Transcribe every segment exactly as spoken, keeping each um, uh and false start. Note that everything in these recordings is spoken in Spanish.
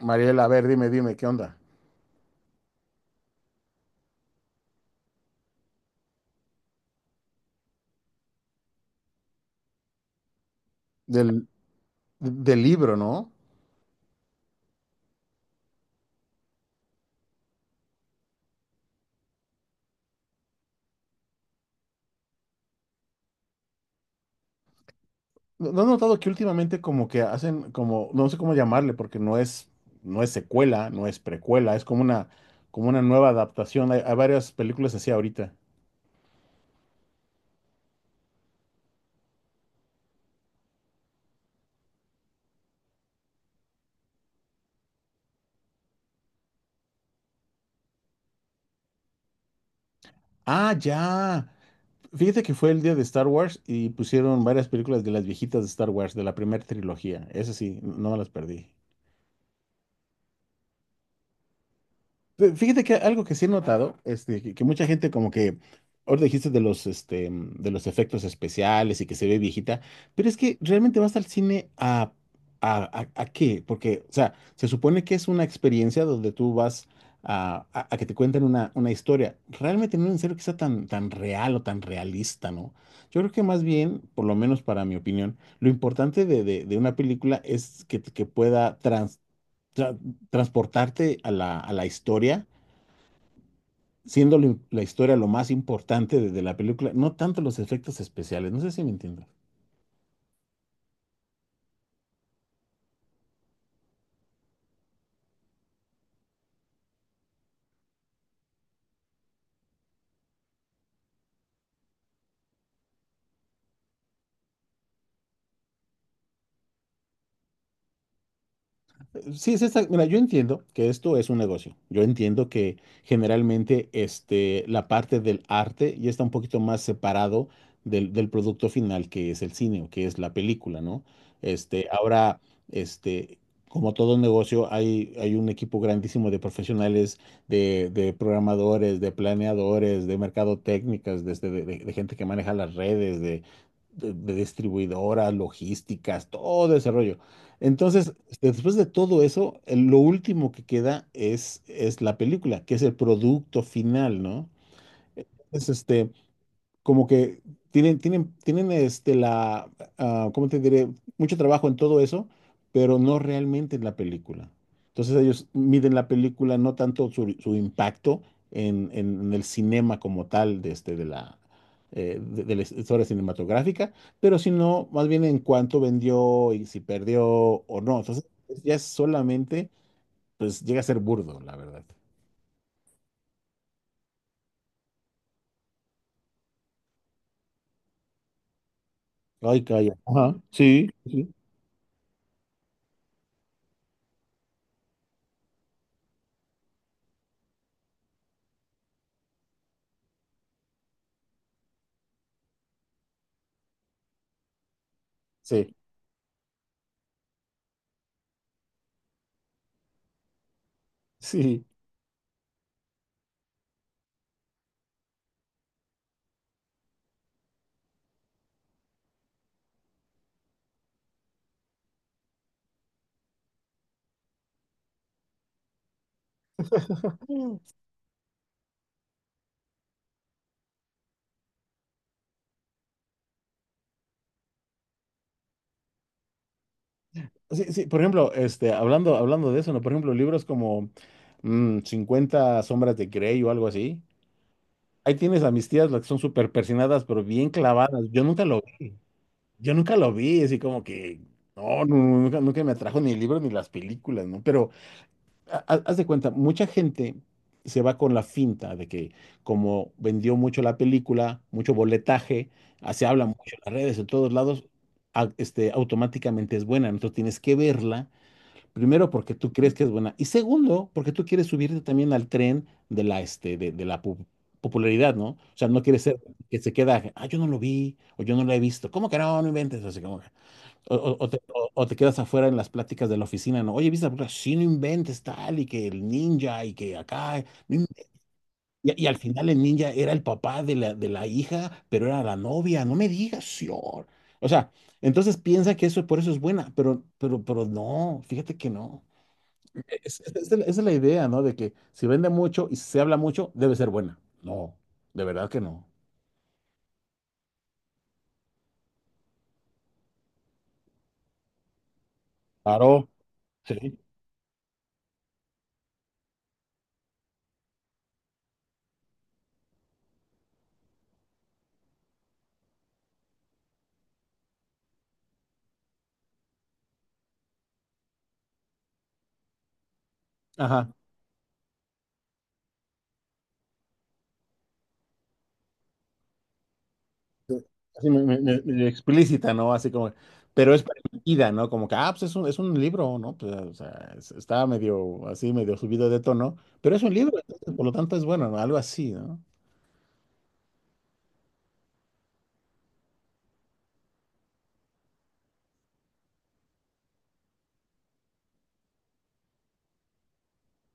Mariela, a ver, dime, dime, ¿qué onda? Del, del libro, ¿no? ¿No no has notado que últimamente como que hacen como, no sé cómo llamarle, porque no es, no es secuela, no es precuela, es como una, como una nueva adaptación. Hay, hay varias películas así ahorita. Ah, ya. Fíjate que fue el día de Star Wars y pusieron varias películas de las viejitas de Star Wars, de la primera trilogía. Esas sí, no me las perdí. Pe- Fíjate que algo que sí he notado, este, que, que mucha gente como que, ahorita dijiste de los, este, mm, de los efectos especiales y que se ve viejita, pero es que realmente vas al cine a, a, a- a qué, porque, o sea, se supone que es una experiencia donde tú vas a, a- a que te cuenten una, una historia, realmente no es en serio que sea tan, tan real o tan realista, ¿no? Yo creo que más bien, por lo menos para mi opinión, lo importante de, de- de una película es que, que pueda trans- tra- transportarte a la, a la historia siendo la la historia lo más importante de, de la película, no tanto los efectos especiales, no sé si me entiendes. Sí, es esta. Mira, yo entiendo que esto es un negocio. Yo entiendo que generalmente este, la parte del arte ya está un poquito más separado del, del producto final, que es el cine o que es la película, ¿no? Este, ahora, este, como todo negocio, hay, hay un equipo grandísimo de profesionales, de, de programadores, de planeadores, de mercadotécnicas, desde de, de- de gente que maneja las redes, de, de de distribuidoras, logísticas, todo ese rollo. Entonces, este, después de todo eso, el- lo último que queda es, es la película, que es el producto final, ¿no? Es este, como que tienen, tienen, tienen este la, ah, ¿cómo te diré? Mucho trabajo en todo eso, pero no realmente en la película. Entonces ellos miden la película no tanto su, su impacto en, en- en el cinema como tal de, este, de la, eh, de, de la historia cinematográfica, pero sino más bien en cuánto vendió y si perdió o no. Entonces ya es solamente, pues llega a ser burdo, la verdad. Ay, calla. Ajá, sí, sí, sí. Sí. Sí, sí, por ejemplo, este, hablando, hablando de eso, ¿no? Por ejemplo, libros como mm, cincuenta sombras de Grey o algo así. Ahí tienes a mis tías, las que son súper persinadas, pero bien clavadas. Yo nunca lo, yo nunca lo vi, así como que, no, nu- nunca, nunca me atrajo ni el libro ni las películas, ¿no? Pero ha- ha- haz de cuenta, mucha gente se va con la finta de que como vendió mucho la película, mucho boletaje, ah, se habla mucho en las redes, en todos lados, a- este, automáticamente es buena. Entonces tienes que verla. Primero, porque tú crees que es buena. Y segundo, porque tú quieres subirte también al tren de la, este, de, de la pu- popularidad, ¿no? O sea, no quieres ser que se queda, ah, yo no lo vi, o yo no lo he visto. ¿Cómo que no? No inventes. Así como que- o, o- o te, o- o te quedas afuera en las pláticas de la oficina, ¿no? Oye, ¿viste la película? Sí, no inventes tal, y que el ninja, y que acá. No in- Y, y al final el ninja era el papá de la, de la hija, pero era la novia. No me digas, señor. O sea, entonces piensa que eso por eso es buena, pero, pero, pero no, fíjate que no. Esa es la esa es la idea, ¿no? De que si vende mucho y se habla mucho, debe ser buena. No, de verdad que no. Claro, sí. Ajá. Así me- me- me- medio explícita, ¿no? Así como, pero es permitida, ¿no? Como que, ah, pues es un, es un libro, ¿no? Pues, o sea, es- está medio así, medio subido de tono, pero es un libro, entonces, por lo tanto es bueno, ¿no? Algo así, ¿no?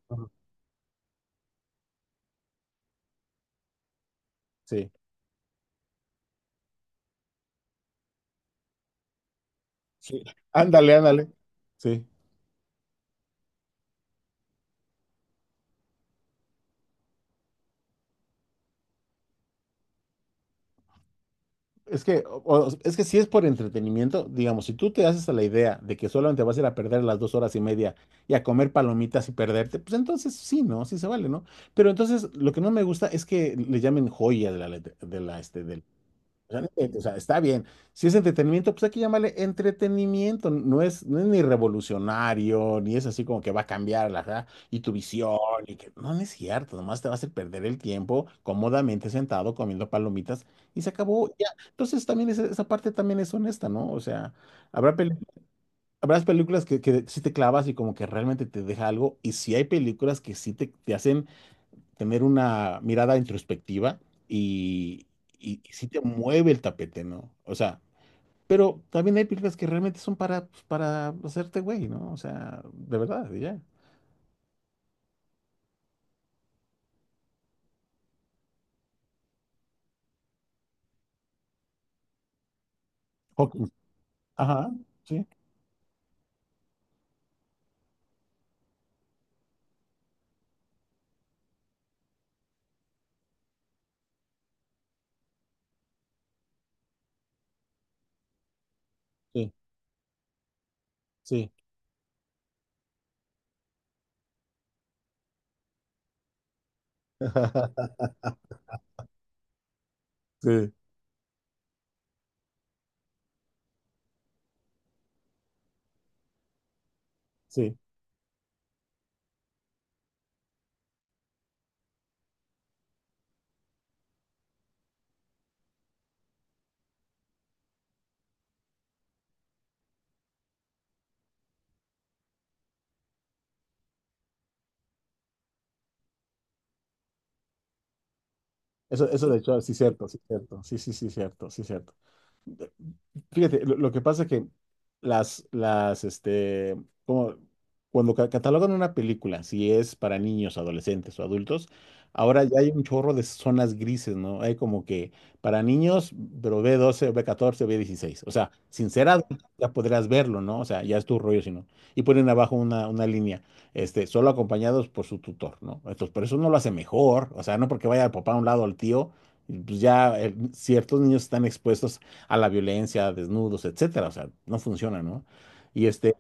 Ajá. Sí, sí. Ándale, ándale. Sí. Es que, o- o- es que si es por entretenimiento, digamos, si tú te haces a la idea de que solamente vas a ir a perder las dos horas y media y a comer palomitas y perderte, pues entonces sí, ¿no? Sí se vale, ¿no? Pero entonces lo que no me gusta es que le llamen joya de la, let- de la, este, del O sea, no inventes, o sea, está bien. Si es entretenimiento, pues hay que llamarle entretenimiento. No es, no es ni revolucionario, ni es así como que va a cambiar la, ja, y tu visión, y que no, no es cierto, nomás te va a hacer perder el tiempo cómodamente sentado comiendo palomitas y se acabó. Ya. Entonces también esa, esa parte también es honesta, ¿no? O sea, habrá pel- habrás películas que, que sí te clavas y como que realmente te deja algo, y si hay películas que sí te, te hacen tener una mirada introspectiva y, y, y sí te mueve el tapete, ¿no? O sea, pero también hay películas que realmente son para, pues, para hacerte güey, ¿no? O sea, de verdad, y ya. Hawkins. Ajá, sí, sí, sí. Sí, sí. Eso, eso de hecho, sí, cierto, sí, cierto. Sí, sí, sí, cierto, sí, cierto. Fíjate, lo, lo que pasa es que las, las, este, como cuando ca- catalogan una película, si es para niños, adolescentes o adultos, ahora ya hay un chorro de zonas grises, ¿no? Hay como que para niños, pero b doce o B catorce, o B dieciséis. O sea, sin ser adulto, ya podrás verlo, ¿no? O sea, ya es tu rollo, si no. Y ponen abajo una, una línea, este, solo acompañados por su tutor, ¿no? Entonces, por eso no lo hace mejor, o sea, no porque vaya el papá a un lado al tío, pues ya eh, ciertos niños están expuestos a la violencia, a desnudos, etcétera. O sea, no funciona, ¿no? Y este,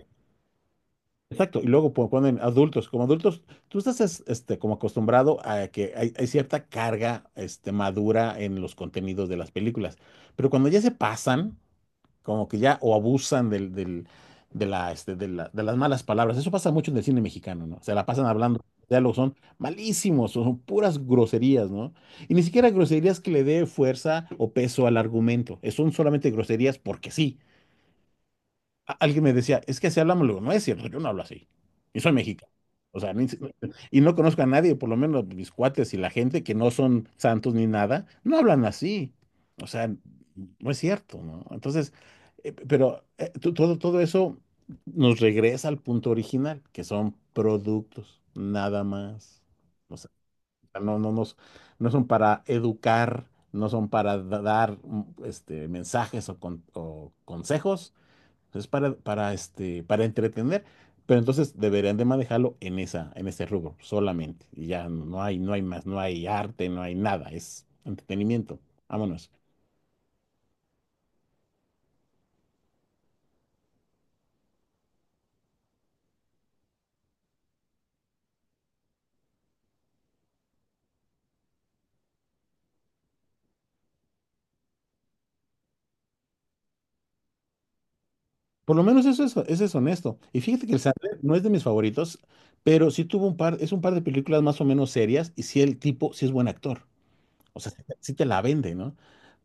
Exacto, y luego po- ponen adultos. Como adultos, tú estás es- este, como acostumbrado a que hay, hay cierta carga este, madura en los contenidos de las películas, pero cuando ya se pasan, como que ya o abusan del, del- de, la, este, de, la- de las malas palabras, eso pasa mucho en el cine mexicano, ¿no? Se la pasan hablando, los diálogos son malísimos, son puras groserías, ¿no? Y ni siquiera groserías que le dé fuerza o peso al argumento, son solamente groserías porque sí a- alguien me decía, es que así hablamos, le digo, no es cierto, yo no hablo así. Y soy mexicano. O sea, ni si- y no conozco a nadie, por lo menos mis cuates y la gente que no son santos ni nada, no hablan así. O sea, no es cierto, ¿no? Entonces, eh, p- pero eh, to- todo, todo eso nos regresa al punto original, que son productos, nada más. O sea, no, no, nos- no son para educar, no son para da- dar mm, este, mensajes o, con- o consejos es para, para, este, para entretener, pero entonces deberían de manejarlo en esa, en ese rubro solamente. Y ya no hay, no hay más, no hay arte, no hay nada, es entretenimiento. Vámonos. Por lo menos eso es, eso es honesto. Y fíjate que el Sandler no es de mis favoritos, pero sí tuvo un par, es un par de películas más o menos serias y sí el tipo, sí es buen actor. O sea, sí te la vende, ¿no?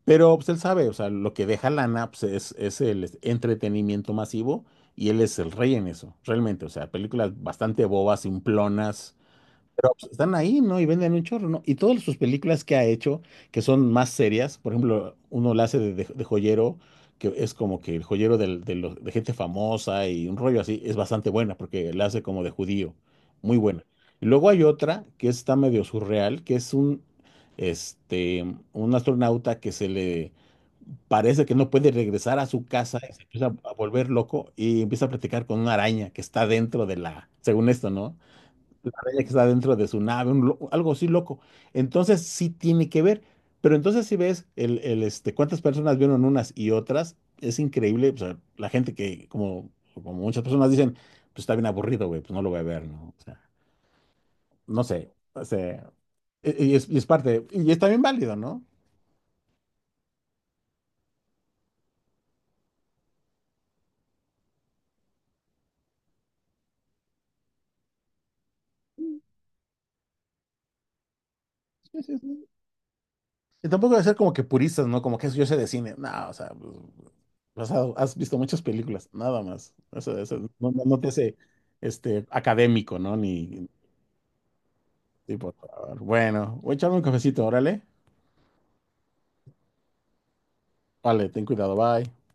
Pero pues él sabe, o sea, lo que deja lana pues, es, es el entretenimiento masivo y él es el rey en eso, realmente. O sea, películas bastante bobas, simplonas, pero pues, están ahí, ¿no? Y venden un chorro, ¿no? Y todas sus películas que ha hecho, que son más serias, por ejemplo, uno la hace de, de- de joyero, que es como que el joyero del- de, los- de gente famosa y un rollo así, es bastante buena, porque la hace como de judío, muy buena. Y luego hay otra que está medio surreal, que es un, este, un astronauta que se le parece que no puede regresar a su casa y se empieza a volver loco y empieza a platicar con una araña que está dentro de la, según esto, ¿no? La bella que está dentro de su nave, un lo- algo así loco. Entonces sí tiene que ver. Pero entonces si ves el, el, este, cuántas personas vieron unas y otras, es increíble. O sea, la gente que, como, como muchas personas dicen, pues está bien aburrido, güey, pues no lo voy a ver, ¿no? O sea, no sé. O sea, y y es, y es parte, y es también válido, ¿no? Sí, sí, sí. Y tampoco debe ser como que puristas, ¿no? Como que eso yo sé de cine. No, o sea, pues, pues, has, has visto muchas películas, nada más. Eso, eso no, no- no te hace este, académico, ¿no? Ni. Sí, por favor. Bueno, voy a echarme un cafecito, órale. Vale, ten cuidado, bye.